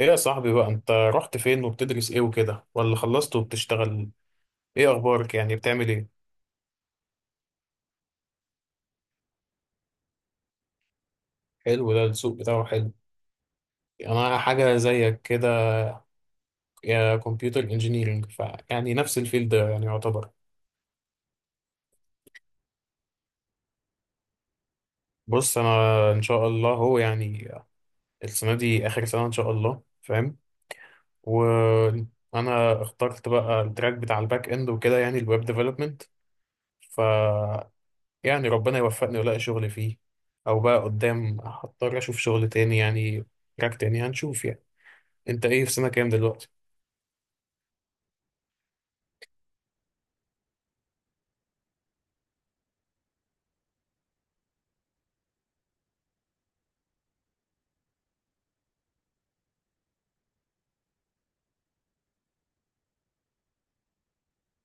ايه يا صاحبي بقى انت رحت فين وبتدرس ايه وكده، ولا خلصت وبتشتغل؟ ايه اخبارك؟ يعني بتعمل ايه؟ حلو، ده السوق بتاعه حلو. انا حاجه زيك كده، يا كمبيوتر انجينيرنج. ف يعني نفس الفيلد يعني يعتبر. بص انا ان شاء الله هو يعني السنه دي اخر سنه ان شاء الله، فاهم؟ وانا اخترت بقى التراك بتاع الباك اند وكده، يعني الويب ديفلوبمنت. يعني ربنا يوفقني والاقي شغل فيه، او بقى قدام هضطر اشوف شغل تاني يعني، تراك تاني هنشوف يعني. انت ايه، في سنة كام دلوقتي؟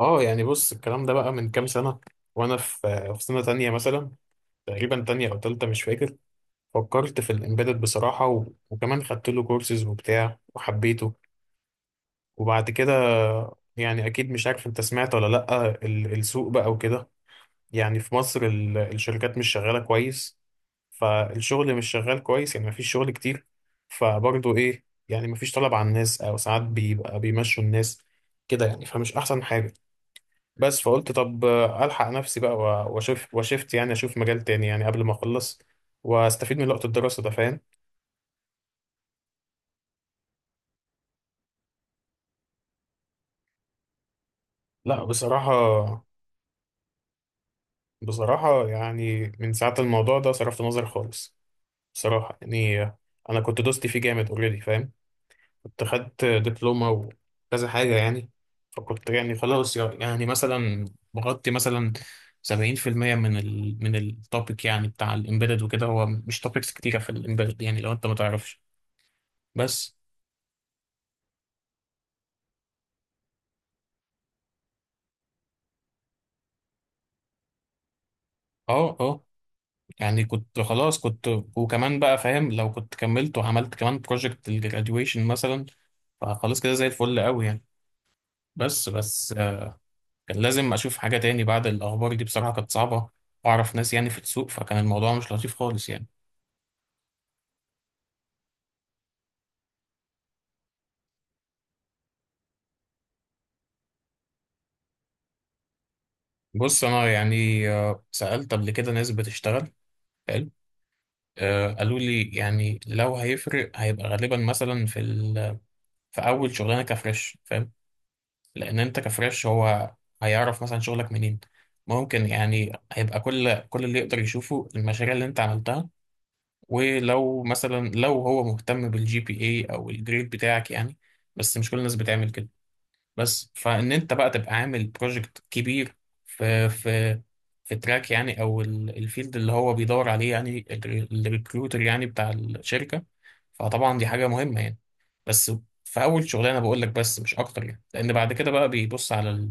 اه يعني بص، الكلام ده بقى من كام سنة، وانا في سنة تانية مثلا، تقريبا تانية او تالتة مش فاكر. فكرت في الامبيدد بصراحة وكمان خدت له كورسز وبتاع وحبيته. وبعد كده يعني اكيد مش عارف انت سمعت ولا لأ، السوق بقى وكده، يعني في مصر الشركات مش شغالة كويس، فالشغل مش شغال كويس، يعني مفيش شغل كتير. فبرضه ايه، يعني مفيش طلب على الناس، او ساعات بيبقى بيمشوا الناس كده يعني، فمش احسن حاجة. بس فقلت طب الحق نفسي بقى واشوف، وشفت يعني اشوف مجال تاني يعني قبل ما اخلص، واستفيد من وقت الدراسة ده، فاهم؟ لا بصراحة، بصراحة يعني من ساعة الموضوع ده صرفت نظر خالص. بصراحة يعني انا كنت دوستي فيه جامد اوريدي، فاهم؟ كنت خدت دبلومة وكذا حاجة يعني. فكنت يعني خلاص يعني مثلا بغطي مثلا 70% من ال من التوبيك، يعني بتاع الإمبيدد وكده، هو مش توبيكس كتيرة في الإمبيدد يعني، لو أنت ما تعرفش. بس اه اه، يعني كنت خلاص كنت. وكمان بقى، فاهم؟ لو كنت كملت وعملت كمان بروجكت الجراديويشن مثلا، فخلاص كده زي الفل قوي يعني. بس كان لازم أشوف حاجة تاني. بعد الأخبار دي بصراحة كانت صعبة، وأعرف ناس يعني في السوق، فكان الموضوع مش لطيف خالص يعني. بص انا يعني سألت قبل كده ناس بتشتغل. حلو، قالوا لي يعني لو هيفرق هيبقى غالبا مثلا في اول شغلانه كفريش، فاهم؟ لان انت كفريش هو هيعرف مثلا شغلك منين؟ ممكن يعني هيبقى كل اللي يقدر يشوفه المشاريع اللي انت عملتها، ولو مثلا لو هو مهتم بالجي بي اي او الجريد بتاعك يعني، بس مش كل الناس بتعمل كده. بس فان انت بقى تبقى عامل بروجكت كبير في في في تراك يعني، او الفيلد اللي هو بيدور عليه يعني، الريكروتر يعني بتاع الشركه، فطبعا دي حاجه مهمه يعني. بس في اول شغلانه بقول لك، بس مش اكتر يعني، لان بعد كده بقى بيبص على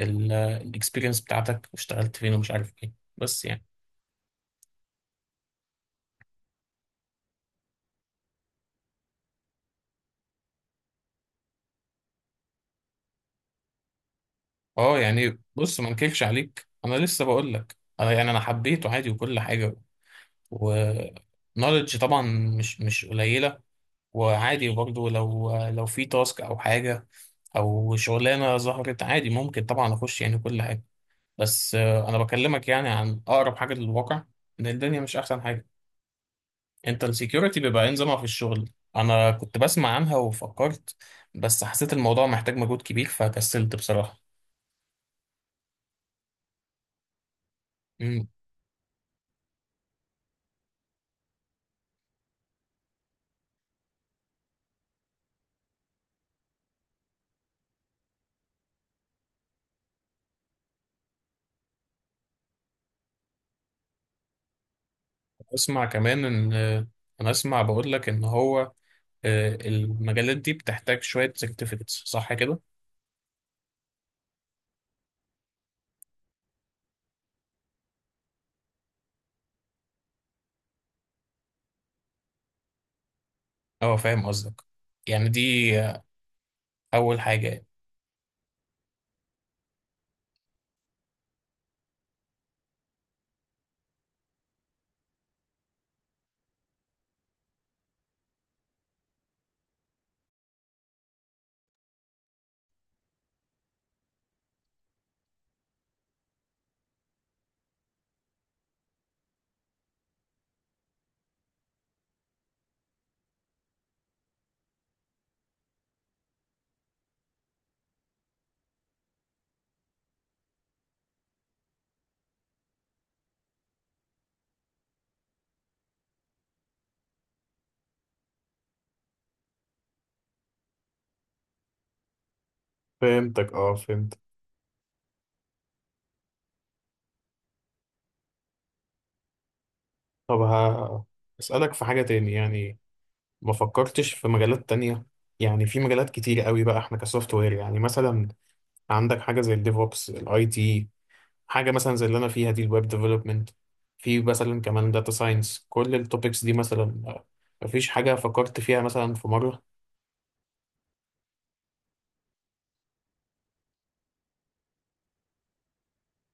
الاكسبيرينس بتاعتك، واشتغلت فين ومش عارف ايه، بس يعني. اه يعني بص، ما انكرش عليك، انا لسه بقول لك انا يعني انا حبيته عادي وكل حاجه. و knowledge طبعا مش قليله، وعادي برضو، لو في تاسك او حاجه او شغلانه ظهرت عادي، ممكن طبعا اخش يعني كل حاجه. بس انا بكلمك يعني عن اقرب حاجه للواقع، ان الدنيا مش احسن حاجه. انت السكيورتي بيبقى إيه نظامها في الشغل؟ انا كنت بسمع عنها وفكرت، بس حسيت الموضوع محتاج مجهود كبير فكسلت بصراحه. مم. اسمع كمان ان انا اسمع بقول لك ان هو المجالات دي بتحتاج شويه سيرتيفيكتس، صح كده؟ اه فاهم قصدك، يعني دي اول حاجه. فهمتك، اه فهمت. طب اسألك في حاجة تاني يعني، ما فكرتش في مجالات تانية؟ يعني في مجالات كتير قوي بقى، احنا كسوفت وير يعني مثلا، عندك حاجة زي الديفوبس، الاي تي، حاجة مثلا زي اللي انا فيها دي الويب ديفلوبمنت، في مثلا كمان داتا ساينس، كل التوبكس دي مثلا مفيش حاجة فكرت فيها مثلا في مرة؟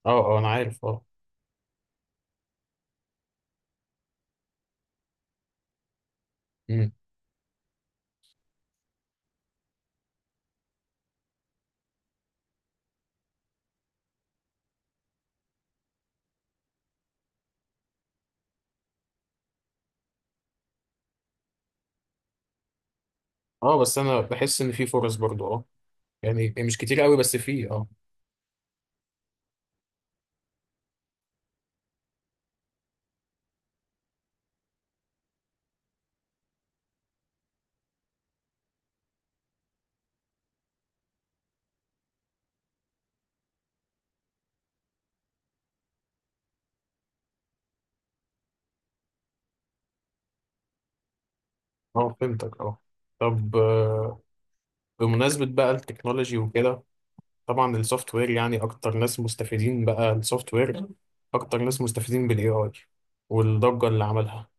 اه اه، انا عارف اه. مم. اه بس انا بحس ان في فرص برضو اه، يعني مش كتير قوي بس في اه. اه فهمتك اه. طب بمناسبة بقى التكنولوجي وكده، طبعا السوفت وير يعني أكتر ناس مستفيدين بقى السوفت وير، أكتر ناس مستفيدين بال AI والضجة اللي عملها.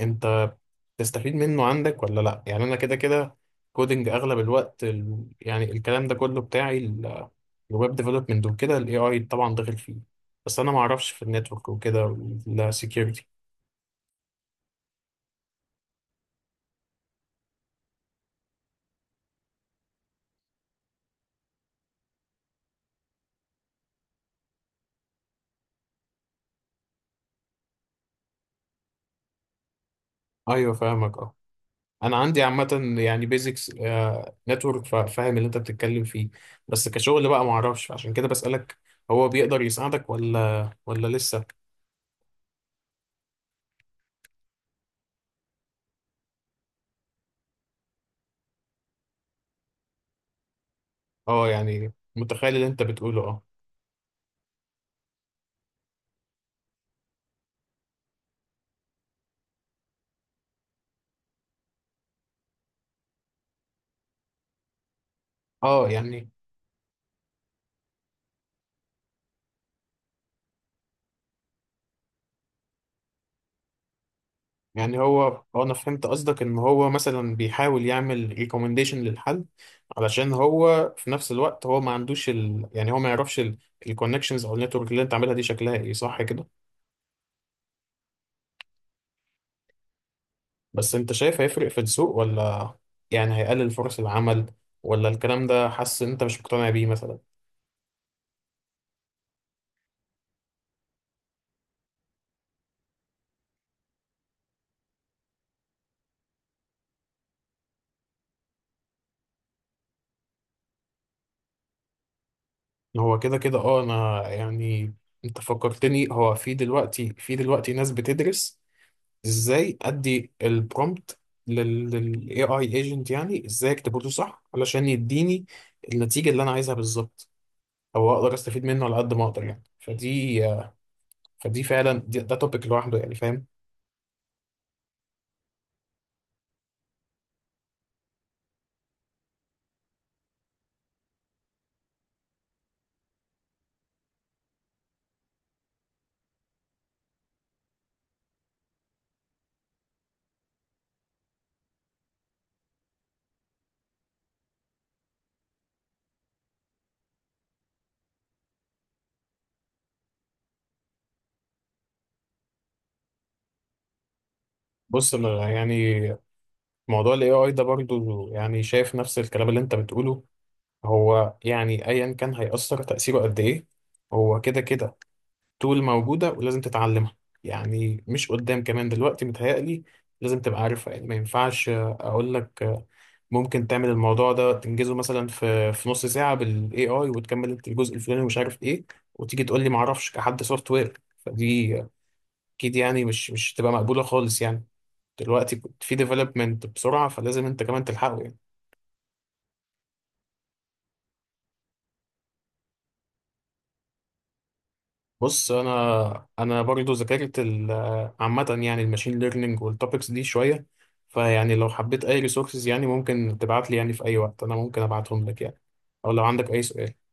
أنت تستفيد منه عندك ولا لأ؟ يعني أنا كده كده كودينج أغلب الوقت، يعني الكلام ده كله بتاعي الويب ديفلوبمنت وكده، ال AI طبعا داخل فيه. بس أنا معرفش في النتورك وكده والسكيورتي. أيوه فاهمك. انا عندي عامه يعني بيزكس نتورك، فاهم اللي انت بتتكلم فيه، بس كشغل بقى ما اعرفش، عشان كده بسالك هو بيقدر يساعدك ولا لسه؟ اه يعني متخيل اللي انت بتقوله اه. اه يعني يعني هو انا فهمت قصدك، ان هو مثلا بيحاول يعمل ريكومنديشن للحل، علشان هو في نفس الوقت هو ما عندوش يعني هو ما يعرفش الكونكشنز او النتورك اللي انت عاملها دي شكلها ايه، صح كده؟ بس انت شايف هيفرق في السوق، ولا يعني هيقلل فرص العمل، ولا الكلام ده حاسس ان انت مش مقتنع بيه مثلا؟ هو كده كده اه، انا يعني انت فكرتني، هو في دلوقتي، في دلوقتي ناس بتدرس ازاي ادي البرومبت لل AI agent، يعني ازاي اكتبه له صح علشان يديني النتيجة اللي انا عايزها بالظبط، او اقدر استفيد منه على قد ما اقدر يعني. فدي فعلا ده توبيك لوحده يعني، فاهم؟ بص انا يعني موضوع ال AI ده برضو يعني شايف نفس الكلام اللي انت بتقوله. هو يعني ايا كان هيأثر تأثيره قد ايه، هو كده كده طول موجودة ولازم تتعلمها، يعني مش قدام، كمان دلوقتي متهيألي لازم تبقى عارفها. يعني ما ينفعش اقول لك ممكن تعمل الموضوع ده تنجزه مثلا في نص ساعة بال AI، وتكمل انت الجزء الفلاني ومش عارف ايه، وتيجي تقول لي ما اعرفش كحد سوفت وير، فدي اكيد يعني مش تبقى مقبولة خالص يعني. دلوقتي في ديفلوبمنت بسرعة، فلازم انت كمان تلحقه يعني. بص انا برضو ذاكرت عامه يعني الماشين ليرنينج والتوبكس دي شويه. فيعني لو حبيت اي ريسورسز يعني ممكن تبعت لي يعني، في اي وقت انا ممكن ابعتهم لك يعني، او لو عندك اي سؤال.